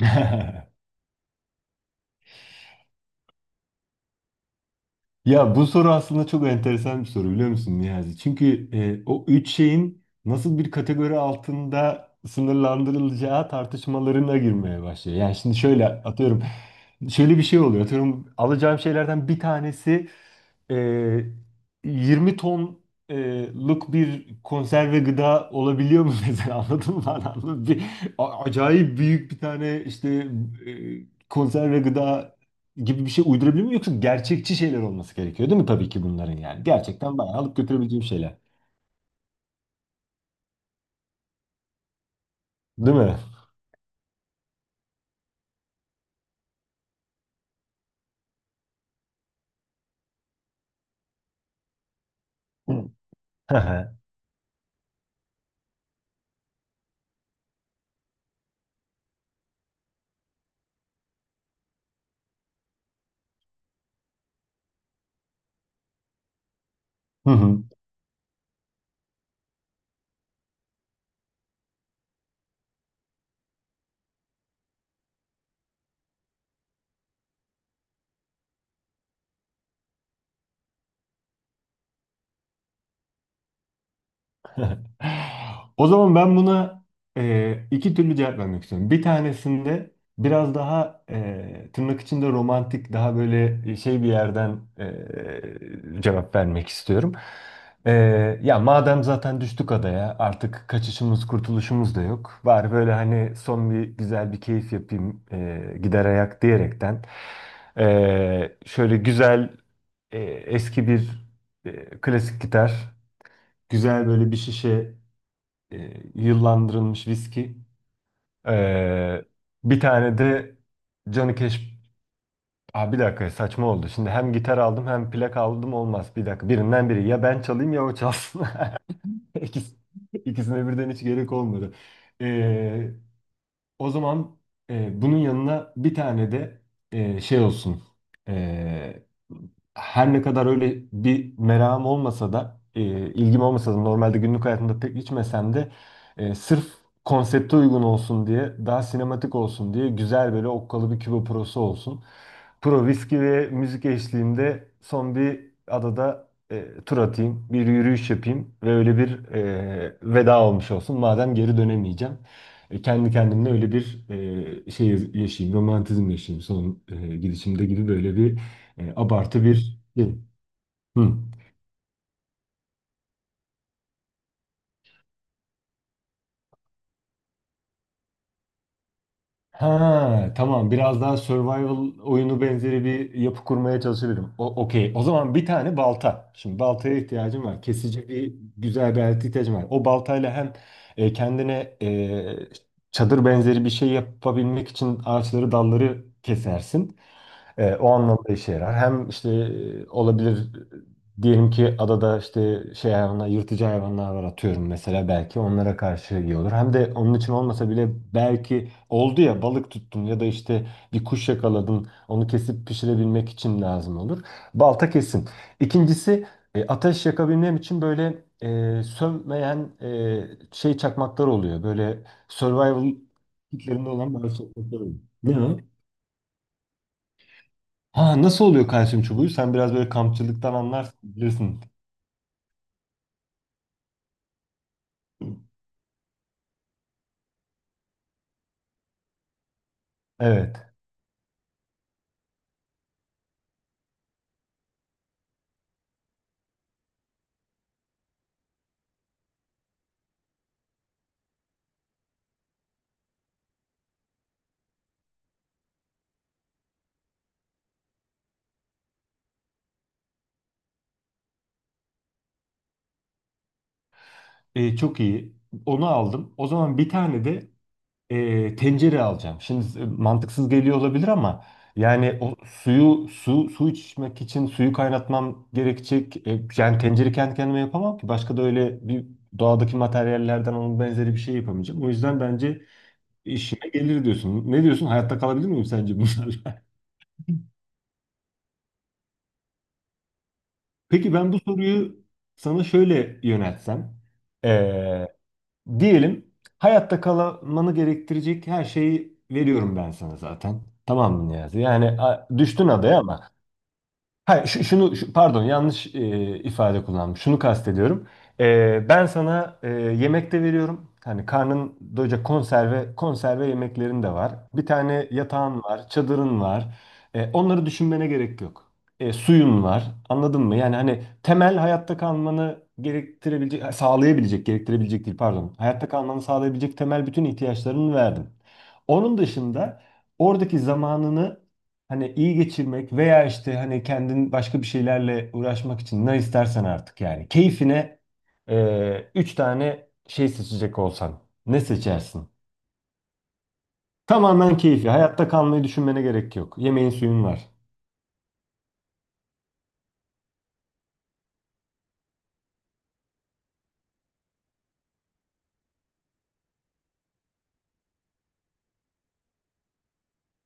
Ya bu soru aslında çok enteresan bir soru biliyor musun Niyazi? Çünkü o üç şeyin nasıl bir kategori altında sınırlandırılacağı tartışmalarına girmeye başlıyor. Yani şimdi şöyle atıyorum, şöyle bir şey oluyor. Atıyorum alacağım şeylerden bir tanesi e, 20 tonluk bir konserve gıda olabiliyor mu mesela anladın mı? Anladın mı? Bir, acayip büyük bir tane işte konserve gıda gibi bir şey uydurabilir miyim yoksa gerçekçi şeyler olması gerekiyor değil mi tabii ki bunların yani. Gerçekten bayağı alıp götürebileceğim şeyler. Değil mi? Hı hı. Hı hı. Hı. O zaman ben buna iki türlü cevap vermek istiyorum. Bir tanesinde biraz daha tırnak içinde romantik, daha böyle şey bir yerden cevap vermek istiyorum. E, Ya madem zaten düştük adaya, artık kaçışımız, kurtuluşumuz da yok. Bari böyle hani son bir güzel bir keyif yapayım, gider ayak diyerekten. Şöyle güzel eski bir klasik gitar, güzel böyle bir şişe yıllandırılmış viski. Ee, Bir tane de Johnny Cash. Aa, bir dakika saçma oldu. Şimdi hem gitar aldım hem plak aldım olmaz. Bir dakika birinden biri. Ya ben çalayım ya o çalsın. İkisi, ikisine birden hiç gerek olmadı. Ee, O zaman bunun yanına bir tane de şey olsun. E, Her ne kadar öyle bir merakım olmasa da, ilgim olmasa da normalde günlük hayatımda pek içmesem de sırf konsepte uygun olsun diye, daha sinematik olsun diye güzel böyle okkalı bir Küba Pro'su olsun. Pro viski ve müzik eşliğinde son bir adada tur atayım, bir yürüyüş yapayım ve öyle bir veda olmuş olsun. Madem geri dönemeyeceğim. Kendi kendimle öyle bir şey yaşayayım, romantizm yaşayayım son gidişimde gibi böyle bir abartı bir şey. Hı. Ha tamam biraz daha survival oyunu benzeri bir yapı kurmaya çalışabilirim. Okey. O zaman bir tane balta. Şimdi baltaya ihtiyacım var. Kesici bir güzel bir alete ihtiyacım var. O baltayla hem kendine çadır benzeri bir şey yapabilmek için ağaçları dalları kesersin. O anlamda işe yarar. Hem işte olabilir diyelim ki adada işte şey hayvanlar, yırtıcı hayvanlar var atıyorum mesela belki onlara karşı iyi olur. Hem de onun için olmasa bile belki oldu ya balık tuttun ya da işte bir kuş yakaladın onu kesip pişirebilmek için lazım olur. Balta kesin. İkincisi ateş yakabilmem için böyle sönmeyen şey çakmaklar oluyor. Böyle survival kitlerinde olan bazı çakmaklar oluyor. Ne o? Ha nasıl oluyor kalsiyum çubuğu? Sen biraz böyle kampçılıktan anlarsın bilirsin. Evet. Çok iyi. Onu aldım. O zaman bir tane de tencere alacağım. Şimdi mantıksız geliyor olabilir ama yani o suyu su içmek için suyu kaynatmam gerekecek. Yani tencere kendi kendime yapamam ki. Başka da öyle bir doğadaki materyallerden onun benzeri bir şey yapamayacağım. O yüzden bence işime gelir diyorsun. Ne diyorsun? Hayatta kalabilir miyim sence bunlarla? Peki ben bu soruyu sana şöyle yöneltsem. Ee, Diyelim hayatta kalmanı gerektirecek her şeyi veriyorum ben sana zaten. Tamam mı Niyazi? Yani düştün adaya ama hayır, şunu pardon yanlış ifade kullandım. Şunu kastediyorum. Ben sana yemek de veriyorum. Hani karnın doyacak konserve yemeklerin de var. Bir tane yatağın var, çadırın var. Onları düşünmene gerek yok. Suyun var. Anladın mı? Yani hani temel hayatta kalmanı gerektirebilecek, ha, sağlayabilecek, gerektirebilecek değil pardon. Hayatta kalmanı sağlayabilecek temel bütün ihtiyaçlarını verdim. Onun dışında oradaki zamanını hani iyi geçirmek veya işte hani kendin başka bir şeylerle uğraşmak için ne istersen artık yani. Keyfine üç tane şey seçecek olsan ne seçersin? Tamamen keyfi. Hayatta kalmayı düşünmene gerek yok. Yemeğin suyun var.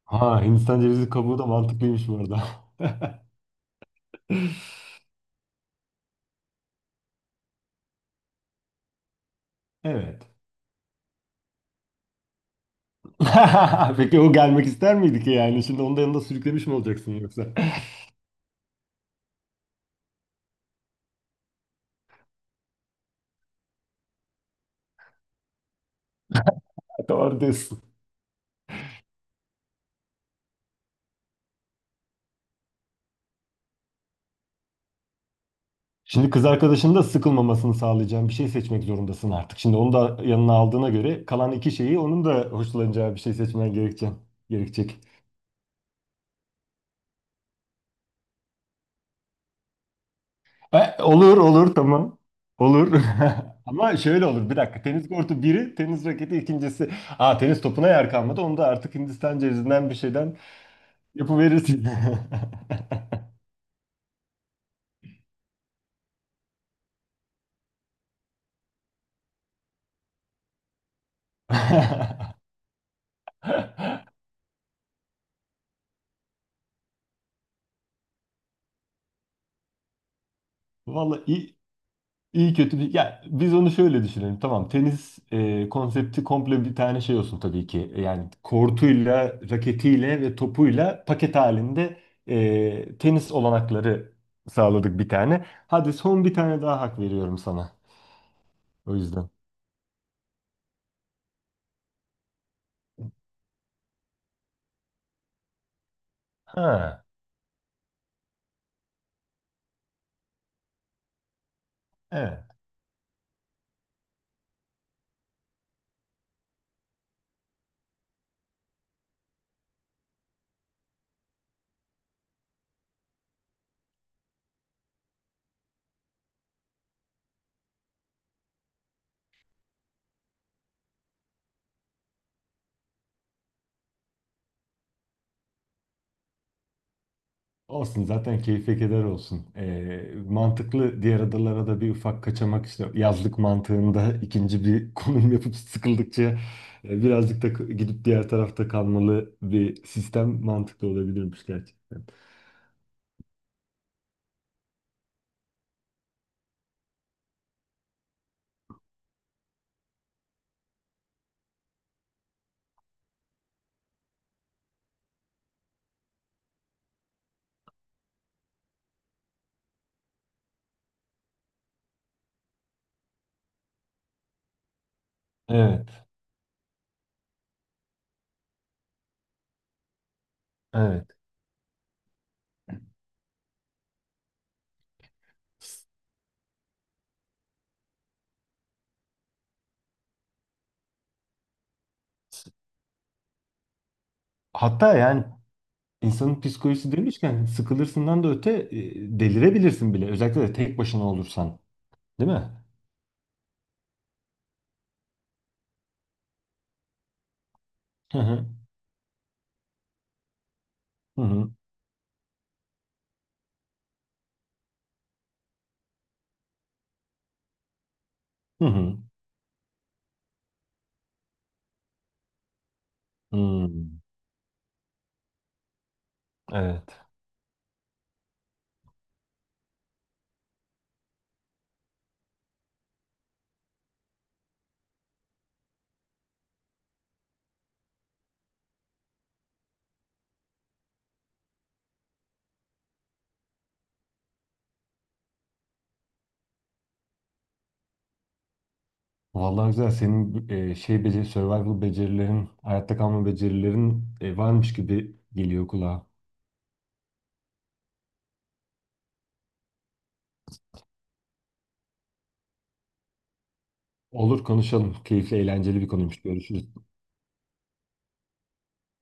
Ha Hindistan cevizi kabuğu da mantıklıymış bu arada. Evet. Peki o gelmek ister miydi ki yani? Şimdi onun yanında sürüklemiş mi olacaksın yoksa? Doğru diyorsun. Şimdi kız arkadaşının da sıkılmamasını sağlayacağın bir şey seçmek zorundasın artık. Şimdi onu da yanına aldığına göre kalan iki şeyi onun da hoşlanacağı bir şey seçmen gerekecek. Gerekecek. Olur olur tamam. Olur. Ama şöyle olur bir dakika. Tenis kortu biri, tenis raketi ikincisi. Aa tenis topuna yer kalmadı. Onu da artık Hindistan cevizinden bir şeyden yapıverirsin. Vallahi iyi. İyi kötü bir... Ya biz onu şöyle düşünelim. Tamam tenis konsepti komple bir tane şey olsun tabii ki. Yani kortuyla, raketiyle ve topuyla paket halinde tenis olanakları sağladık bir tane. Hadi son bir tane daha hak veriyorum sana. O yüzden. Ha, evet. Olsun zaten keyfe keder olsun. Mantıklı diğer adalara da bir ufak kaçamak işte yazlık mantığında ikinci bir konum yapıp sıkıldıkça birazcık da gidip diğer tarafta kalmalı bir sistem mantıklı olabilirmiş gerçekten. Evet, evet. S- s- Hatta yani insanın psikolojisi demişken sıkılırsından da öte delirebilirsin bile. Özellikle de tek başına olursan, değil mi? Hı hı. Hı hı. Hı hı. Hmm, evet. Vallahi güzel. Senin beceri, survival becerilerin, hayatta kalma becerilerin varmış gibi geliyor kulağa. Olur konuşalım. Keyifli, eğlenceli bir konuymuş. Görüşürüz.